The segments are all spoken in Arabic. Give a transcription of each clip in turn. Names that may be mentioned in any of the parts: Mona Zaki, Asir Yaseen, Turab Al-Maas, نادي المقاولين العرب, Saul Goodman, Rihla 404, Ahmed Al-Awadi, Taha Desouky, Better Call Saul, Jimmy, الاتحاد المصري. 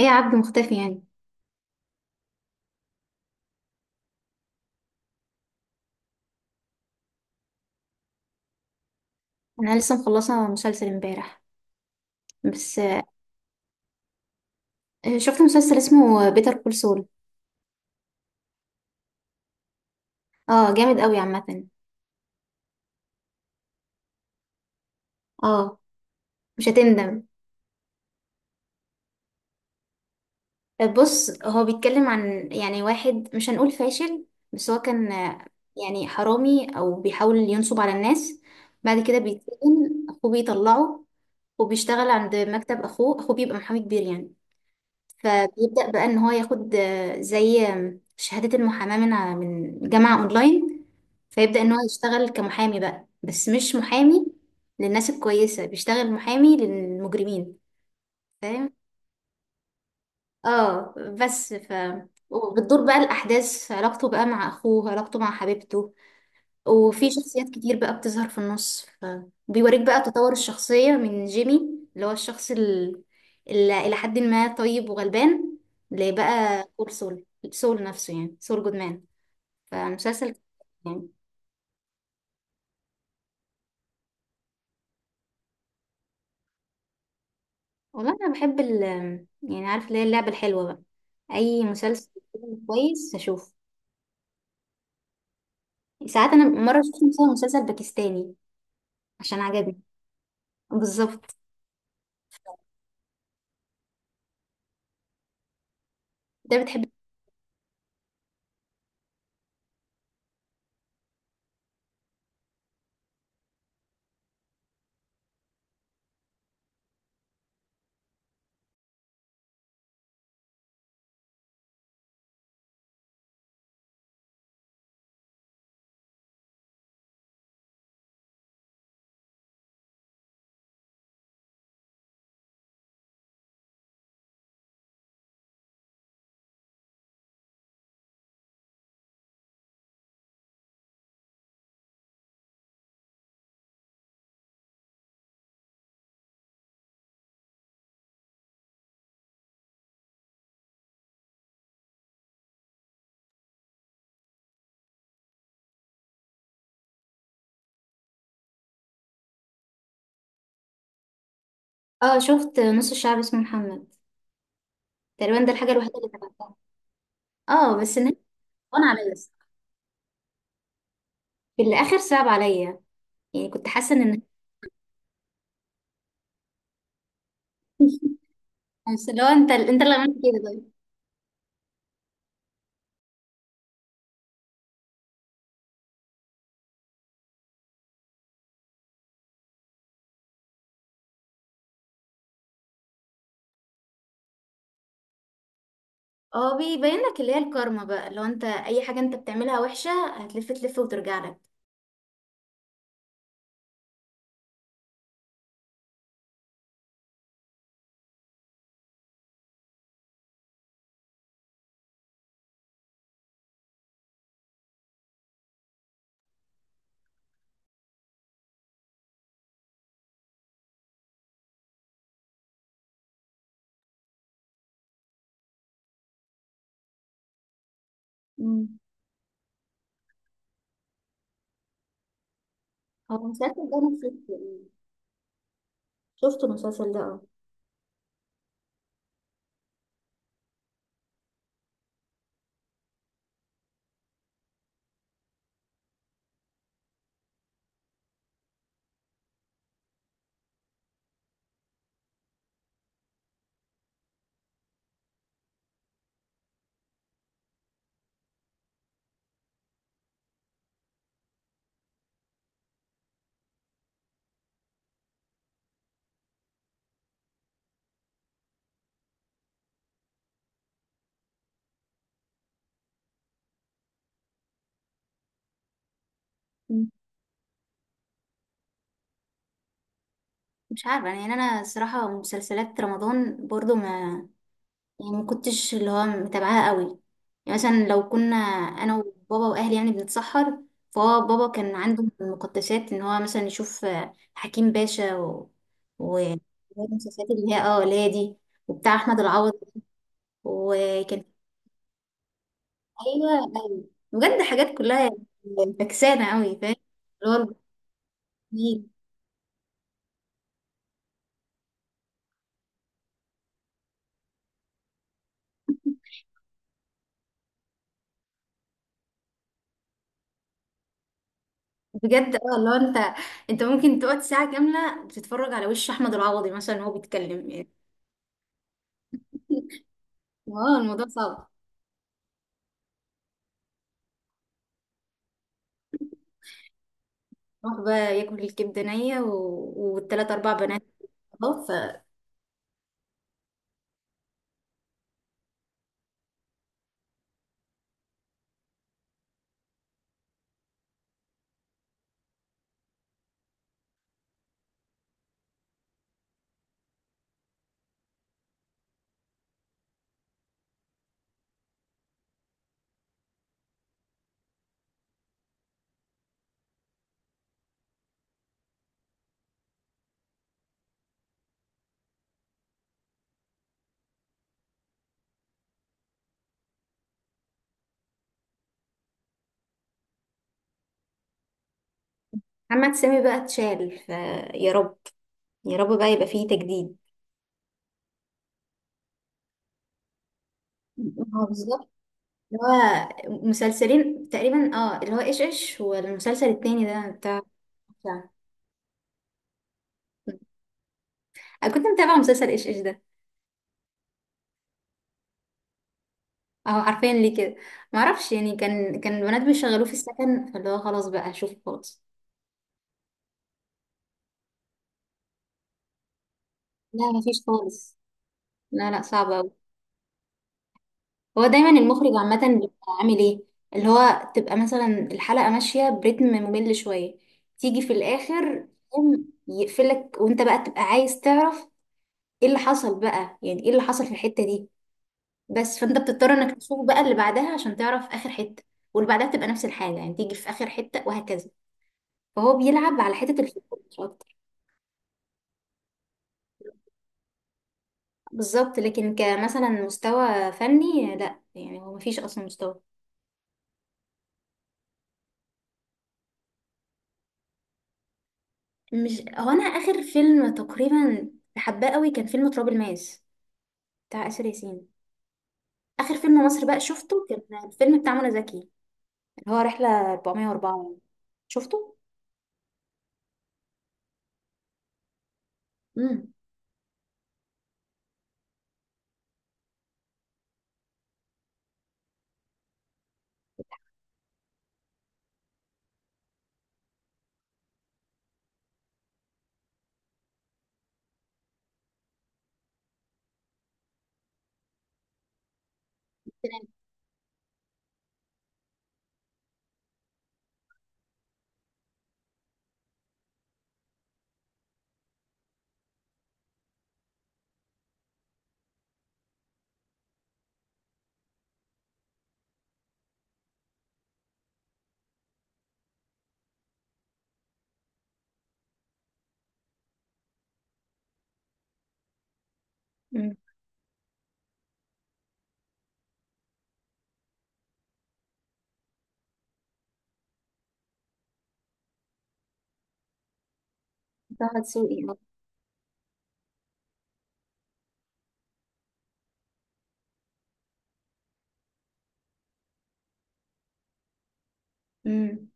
ايه يا عبد، مختفي يعني؟ انا لسه مخلصه مسلسل امبارح، بس. شفت مسلسل اسمه بيتر كول سول. اه، جامد قوي عامه. اه، مش هتندم. بص، هو بيتكلم عن يعني واحد مش هنقول فاشل، بس هو كان. يعني حرامي او بيحاول ينصب على الناس. بعد كده بيتسجن، اخوه بيطلعه. وبيشتغل عند مكتب اخوه. اخوه بيبقى محامي كبير يعني. فبيبدأ بقى ان هو ياخد زي شهادة المحاماة من جامعة اونلاين. فيبدأ ان هو يشتغل كمحامي بقى، بس مش محامي للناس الكويسة، بيشتغل محامي للمجرمين. فاهم؟ اه، بس. وبتدور بقى الأحداث في علاقته بقى مع أخوه، علاقته مع حبيبته. وفي شخصيات كتير بقى بتظهر في النص، فبيوريك بقى تطور الشخصية من جيمي، اللي هو الشخص اللي إلى حد ما طيب وغلبان، لبقى كول سول. سول نفسه يعني، سول جودمان. فمسلسل يعني. والله أنا بحب. يعني عارف اللي هي اللعبة الحلوة بقى، أي مسلسل كويس أشوفه. ساعات أنا مرة شفت مثلا مسلسل باكستاني عشان عجبني. بالظبط، ده بتحب. اه، شفت نص الشعب اسمه محمد، تقريبا ده الحاجة الوحيدة اللي تابعتها. اه بس. وانا عامله لسه، في الاخر صعب عليا. يعني كنت حاسه ان... بس لو انت اللي عملت كده طيب. اه، بيبين لك اللي هي الكارما بقى. لو انت اي حاجه انت بتعملها وحشه، هتلف تلف وترجع لك. مم. هو المسلسل ده انا شفته. شفت المسلسل ده، اه. مم. مش عارفه يعني، انا الصراحه مسلسلات رمضان برضو ما... يعني ما كنتش اللي هو متابعاها قوي. يعني مثلا لو كنا انا وبابا واهلي يعني بنتسحر، فهو بابا كان عنده من المقدسات ان هو مثلا يشوف حكيم باشا و المسلسلات اللي هي اللي هي دي، وبتاع احمد العوض. وكان... ايوه. ايوه بجد، حاجات كلها فكسانه قوي، فاهم؟ اللي هو البطيخ. بجد، اه اللي هو انت، انت ممكن تقعد ساعه كامله بتتفرج على وش احمد العوضي مثلا وهو بيتكلم يعني. اه، الموضوع صعب. راح بقى ياكل الكبدة نية والتلات أربع بنات. خلاص. فمحمد سامي بقى اتشال، فيا رب. يا رب بقى يبقى فيه تجديد. هو بالظبط، اللي هو مسلسلين تقريبا، اه اللي هو ايش ايش، والمسلسل التاني ده بتاع بتاع- انا كنت متابعة مسلسل ايش ايش ده. اهو عارفين ليه كده؟ معرفش، يعني كان البنات بيشغلوه في السكن، فاللي هو خلاص بقى هشوفه خالص. لا مفيش خالص. لا لا، صعب أوي. هو دايما المخرج عامة بيبقى عامل ايه؟ اللي هو تبقى مثلا الحلقة ماشية برتم ممل شوية، تيجي في الآخر يقوم يقفلك، وانت بقى تبقى عايز تعرف ايه اللي حصل بقى، يعني ايه اللي حصل في الحتة دي. بس فانت بتضطر انك تشوف بقى اللي بعدها عشان تعرف آخر حتة، واللي بعدها تبقى نفس الحاجة. يعني تيجي في آخر حتة وهكذا. فهو بيلعب على حتة الفضول مش أكتر. بالظبط، لكن كمثلا مستوى فني لا، يعني هو مفيش أصلا مستوى. مش هو، انا اخر فيلم تقريبا حباه قوي كان فيلم تراب الماس، بتاع آسر ياسين. اخر فيلم مصري بقى شفته، كان الفيلم بتاع منى زكي، اللي هو رحله 404. شفته؟ امم. مم. طه دسوقي، اه. امم.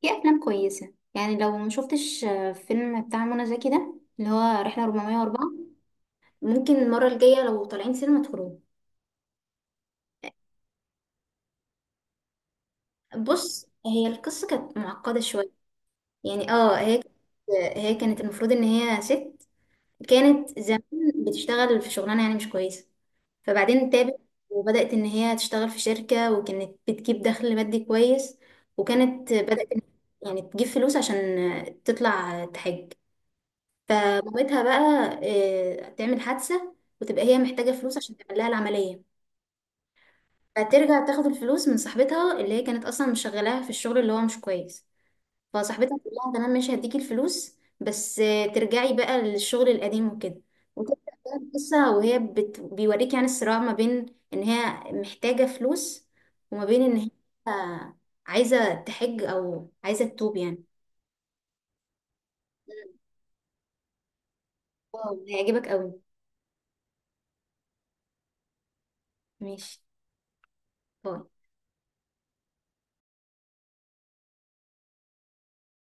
في افلام كويسه، يعني لو ما شفتش فيلم بتاع منى زكي ده، اللي هو رحله 404، ممكن المره الجايه لو طالعين سينما تخرجوا. بص، هي القصه كانت معقده شويه. يعني هي، هي كانت المفروض ان هي ست. كانت زمان بتشتغل في شغلانة يعني مش كويسة، فبعدين تابت. وبدأت إن هي تشتغل في شركة، وكانت بتجيب دخل مادي كويس. وكانت بدأت يعني تجيب فلوس عشان تطلع تحج. فمامتها بقى تعمل حادثة، وتبقى هي محتاجة فلوس عشان تعمل لها العملية. فترجع تاخد الفلوس من صاحبتها، اللي هي كانت أصلا مشغلاها في الشغل اللي هو مش كويس. فصاحبتها بتقول لها تمام ماشي هديكي الفلوس، بس ترجعي بقى للشغل القديم وكده. وتبدأ بقى القصة، وهي بيوريك يعني الصراع ما بين ان هي محتاجة فلوس، وما بين ان هي آه، عايزة تحج او عايزة تتوب يعني. واو، هيعجبك قوي. ماشي. باي.